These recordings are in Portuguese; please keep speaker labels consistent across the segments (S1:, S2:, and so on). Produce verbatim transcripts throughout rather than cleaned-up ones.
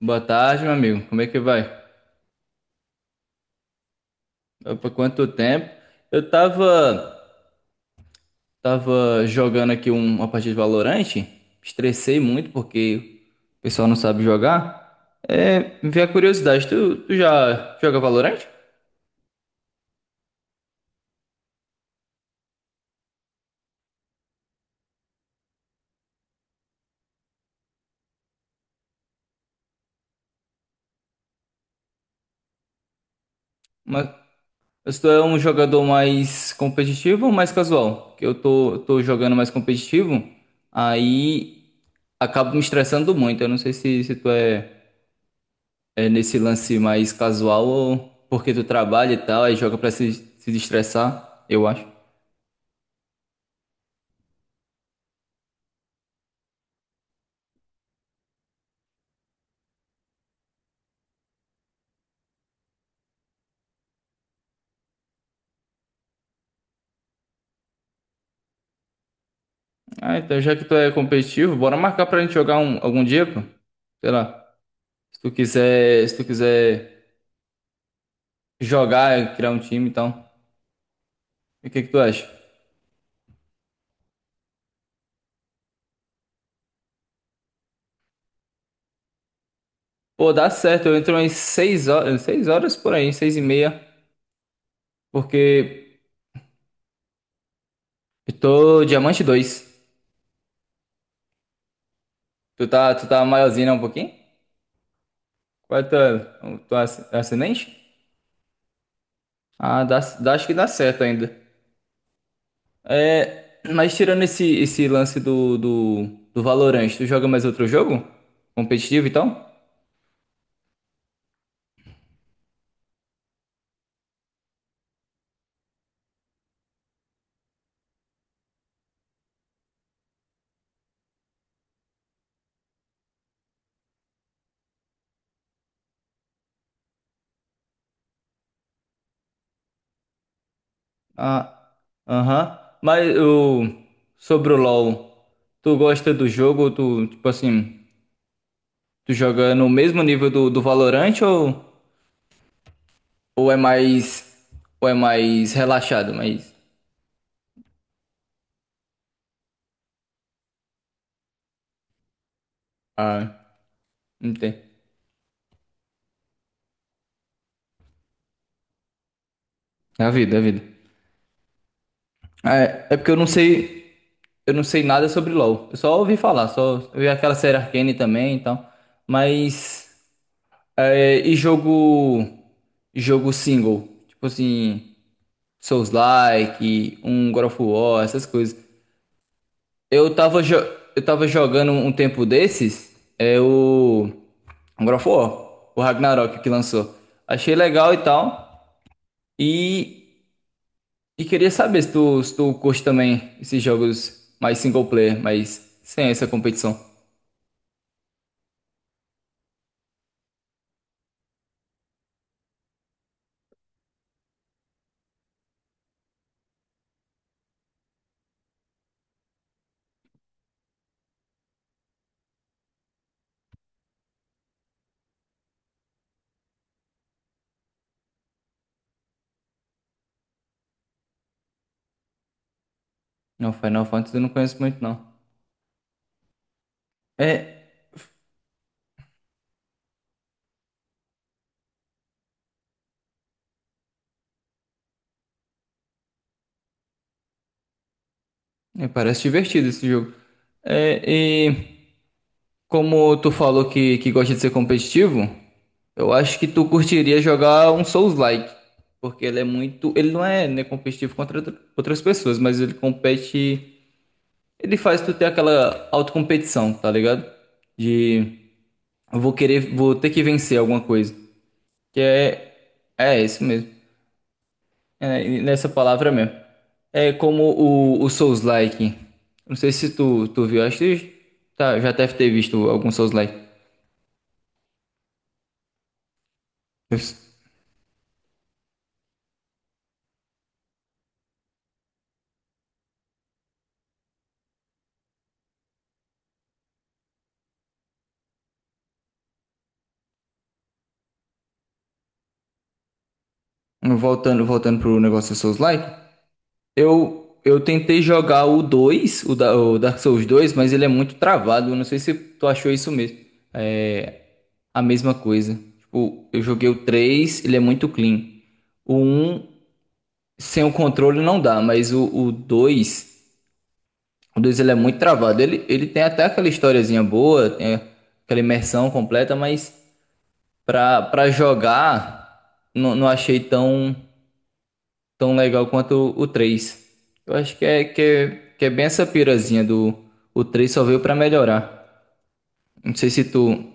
S1: Boa tarde, meu amigo. Como é que vai? Opa, quanto tempo? Eu tava, tava jogando aqui um- uma partida de Valorant, estressei muito porque o pessoal não sabe jogar. É, me veio a curiosidade, tu, tu já joga Valorant? Mas mas tu é um jogador mais competitivo ou mais casual? Que eu tô, eu tô jogando mais competitivo, aí acabo me estressando muito. Eu não sei se, se tu é é, nesse lance mais casual ou porque tu trabalha e tal, aí joga pra se, se destressar, eu acho. Ah, então já que tu é competitivo, bora marcar pra gente jogar um, algum dia, pô. Sei lá. Se tu quiser, se tu quiser jogar, criar um time e tal. E o que que tu acha? Pô, dá certo, eu entro umas seis horas, seis horas por aí, seis e meia, porque eu tô diamante dois. Tu tá, tu tá maiorzinho né, um pouquinho? Qual é a tua, tua ascendente? Ah, dá, dá, acho que dá certo ainda. É, mas tirando esse, esse lance do, do, do Valorant, tu joga mais outro jogo? Competitivo e tal? Ah, aham. Mas o, sobre o LoL, tu gosta do jogo? Tu, tipo assim, tu joga no mesmo nível do, do Valorant ou, ou é mais, ou é mais relaxado? Mais ah, entendi. É a vida, é a vida. É, é porque eu não sei, eu não sei nada sobre LoL. Eu só ouvi falar, só eu vi aquela série Arcane também e tal. Mas é, e jogo. Jogo single. Tipo assim. Souls-like, um God of War, essas coisas. Eu tava, jo- eu tava jogando um tempo desses. É o. Um God of War. O Ragnarok que lançou. Achei legal e tal. E. E queria saber se tu, se tu curte também esses jogos mais single player, mas sem essa competição. Não, Final Fantasy eu não conheço muito, não. É. É, parece divertido esse jogo. É, como tu falou que, que gosta de ser competitivo, eu acho que tu curtiria jogar um Souls-like, porque ele é muito, ele não é, né, competitivo contra outra- outras pessoas, mas ele compete, ele faz tu ter aquela autocompetição, tá ligado? De eu vou querer, vou ter que vencer alguma coisa, que é é isso mesmo. É nessa palavra mesmo. É como o, o Souls-like. Não sei se tu, tu viu, acho que tá, já deve ter visto algum Souls-like. Voltando, voltando pro negócio do Souls-like, eu, eu tentei jogar o dois, o, da, o Dark Souls dois, mas ele é muito travado. Eu não sei se tu achou isso mesmo. É a mesma coisa. Tipo, eu joguei o três, ele é muito clean. O um sem o controle não dá, mas o, o dois, o dois ele é muito travado. Ele, ele tem até aquela historiazinha boa, tem aquela imersão completa, mas pra, pra jogar, não, não achei tão tão legal quanto o três. Eu acho que é, que é, que é bem essa pirazinha do. O três só veio pra melhorar. Não sei se tu.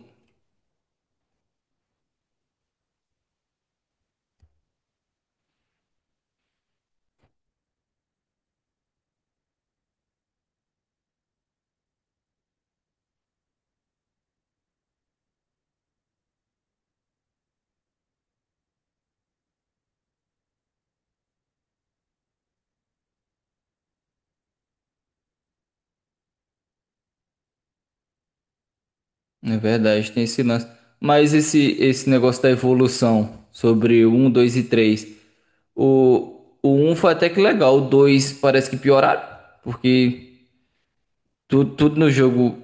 S1: É verdade, tem esse lance. Mas esse, esse negócio da evolução sobre o um, dois e três. O, o um foi até que legal. O dois parece que pioraram. Porque tudo, tudo no jogo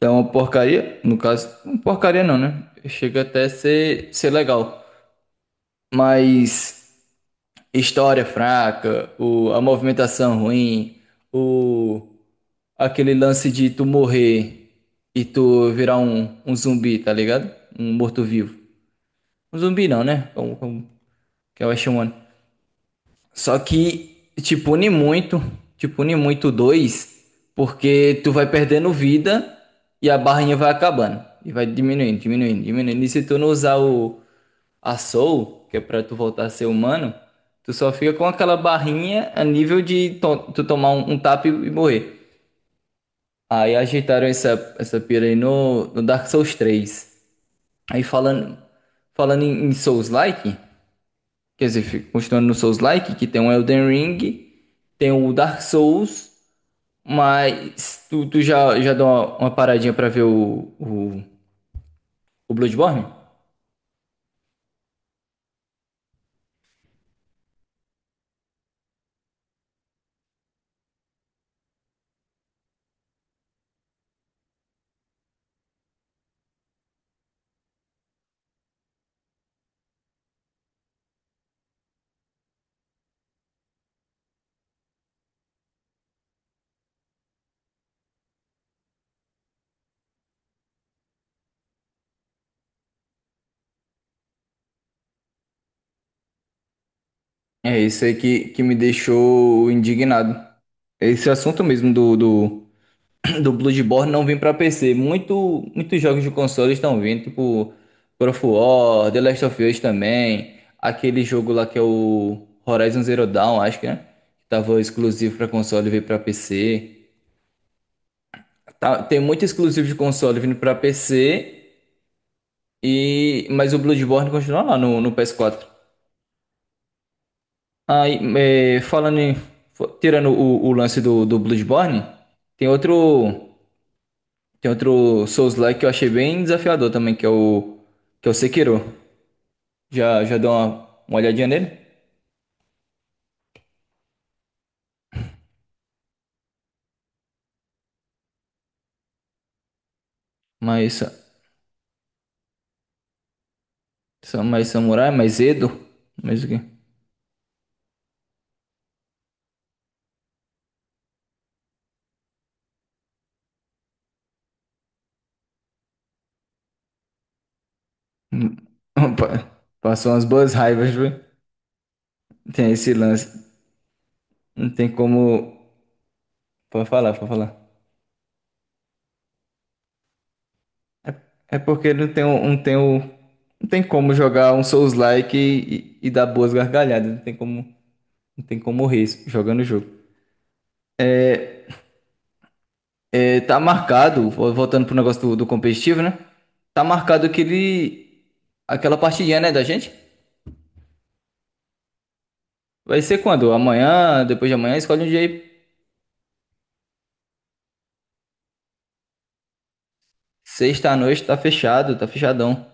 S1: é uma porcaria. No caso, porcaria não, né? Chega até a ser, ser legal. Mas história fraca, o, a movimentação ruim, o, aquele lance de tu morrer e tu virar um, um zumbi, tá ligado? Um morto-vivo. Um zumbi não, né? Como, como que eu chamando. Só que te pune muito, te pune muito o dois, porque tu vai perdendo vida e a barrinha vai acabando. E vai diminuindo, diminuindo, diminuindo. E se tu não usar o, a Soul, que é pra tu voltar a ser humano, tu só fica com aquela barrinha a nível de to- tu tomar um, um tapa e, e morrer. Aí ajeitaram essa, essa pira aí no, no Dark Souls três. Aí falando, falando em, em Souls-like, quer dizer, fi- continuando no Souls-like, que tem um Elden Ring, tem o Dark Souls, mas tu, tu já, já deu uma, uma paradinha pra ver o, o, o Bloodborne? É isso aí que, que me deixou indignado. Esse assunto mesmo do, do, do Bloodborne não vem pra P C. Muito, muitos jogos de console estão vindo, tipo God of War, The Last of Us também, aquele jogo lá que é o Horizon Zero Dawn, acho que, né? Que tava exclusivo pra console e veio pra P C. Tá- tem muito exclusivo de console vindo pra P C, e mas o Bloodborne continua lá no, no P S quatro. Aí, é, falando em, fo- tirando o, o lance do, do Bloodborne, tem outro. Tem outro Souls-like que eu achei bem desafiador também, que é o, que é o Sekiro. Já, já deu uma, uma olhadinha nele? Mais, sa- mais samurai, mais Edo. Mais o quê? Hum, pa- Passou umas boas raivas, viu? Tem esse lance. Não tem como. Pode falar, pode falar. É porque não tem, um, não tem, o, não tem como jogar um Souls-like e, e, e dar boas gargalhadas. Não tem como, não tem como morrer jogando o jogo. É, tá marcado, voltando pro negócio do, do competitivo, né? Tá marcado aquele, aquela partidinha, né, da gente? Vai ser quando? Amanhã, depois de amanhã, escolhe um dia aí. Sexta à noite, tá fechado, tá fechadão.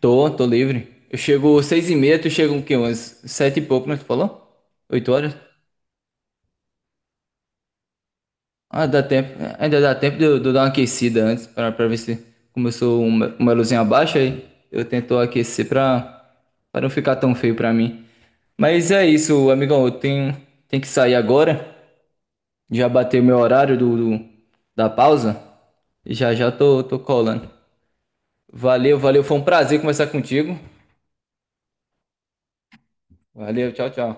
S1: Tô, tô livre. Eu chego seis e meia, tu chega o quê? Umas sete e pouco, né? Tu falou? Oito horas? Ah, dá tempo. Ainda dá tempo de eu, de eu dar uma aquecida antes, pra, pra ver se começou uma, uma luzinha baixa aí. Eu tento aquecer pra, pra não ficar tão feio pra mim. Mas é isso, amigão. Eu tenho, tenho que sair agora. Já bateu meu horário do, do- da pausa. E já já tô, tô colando. Valeu, valeu. Foi um prazer conversar contigo. Valeu, tchau, tchau.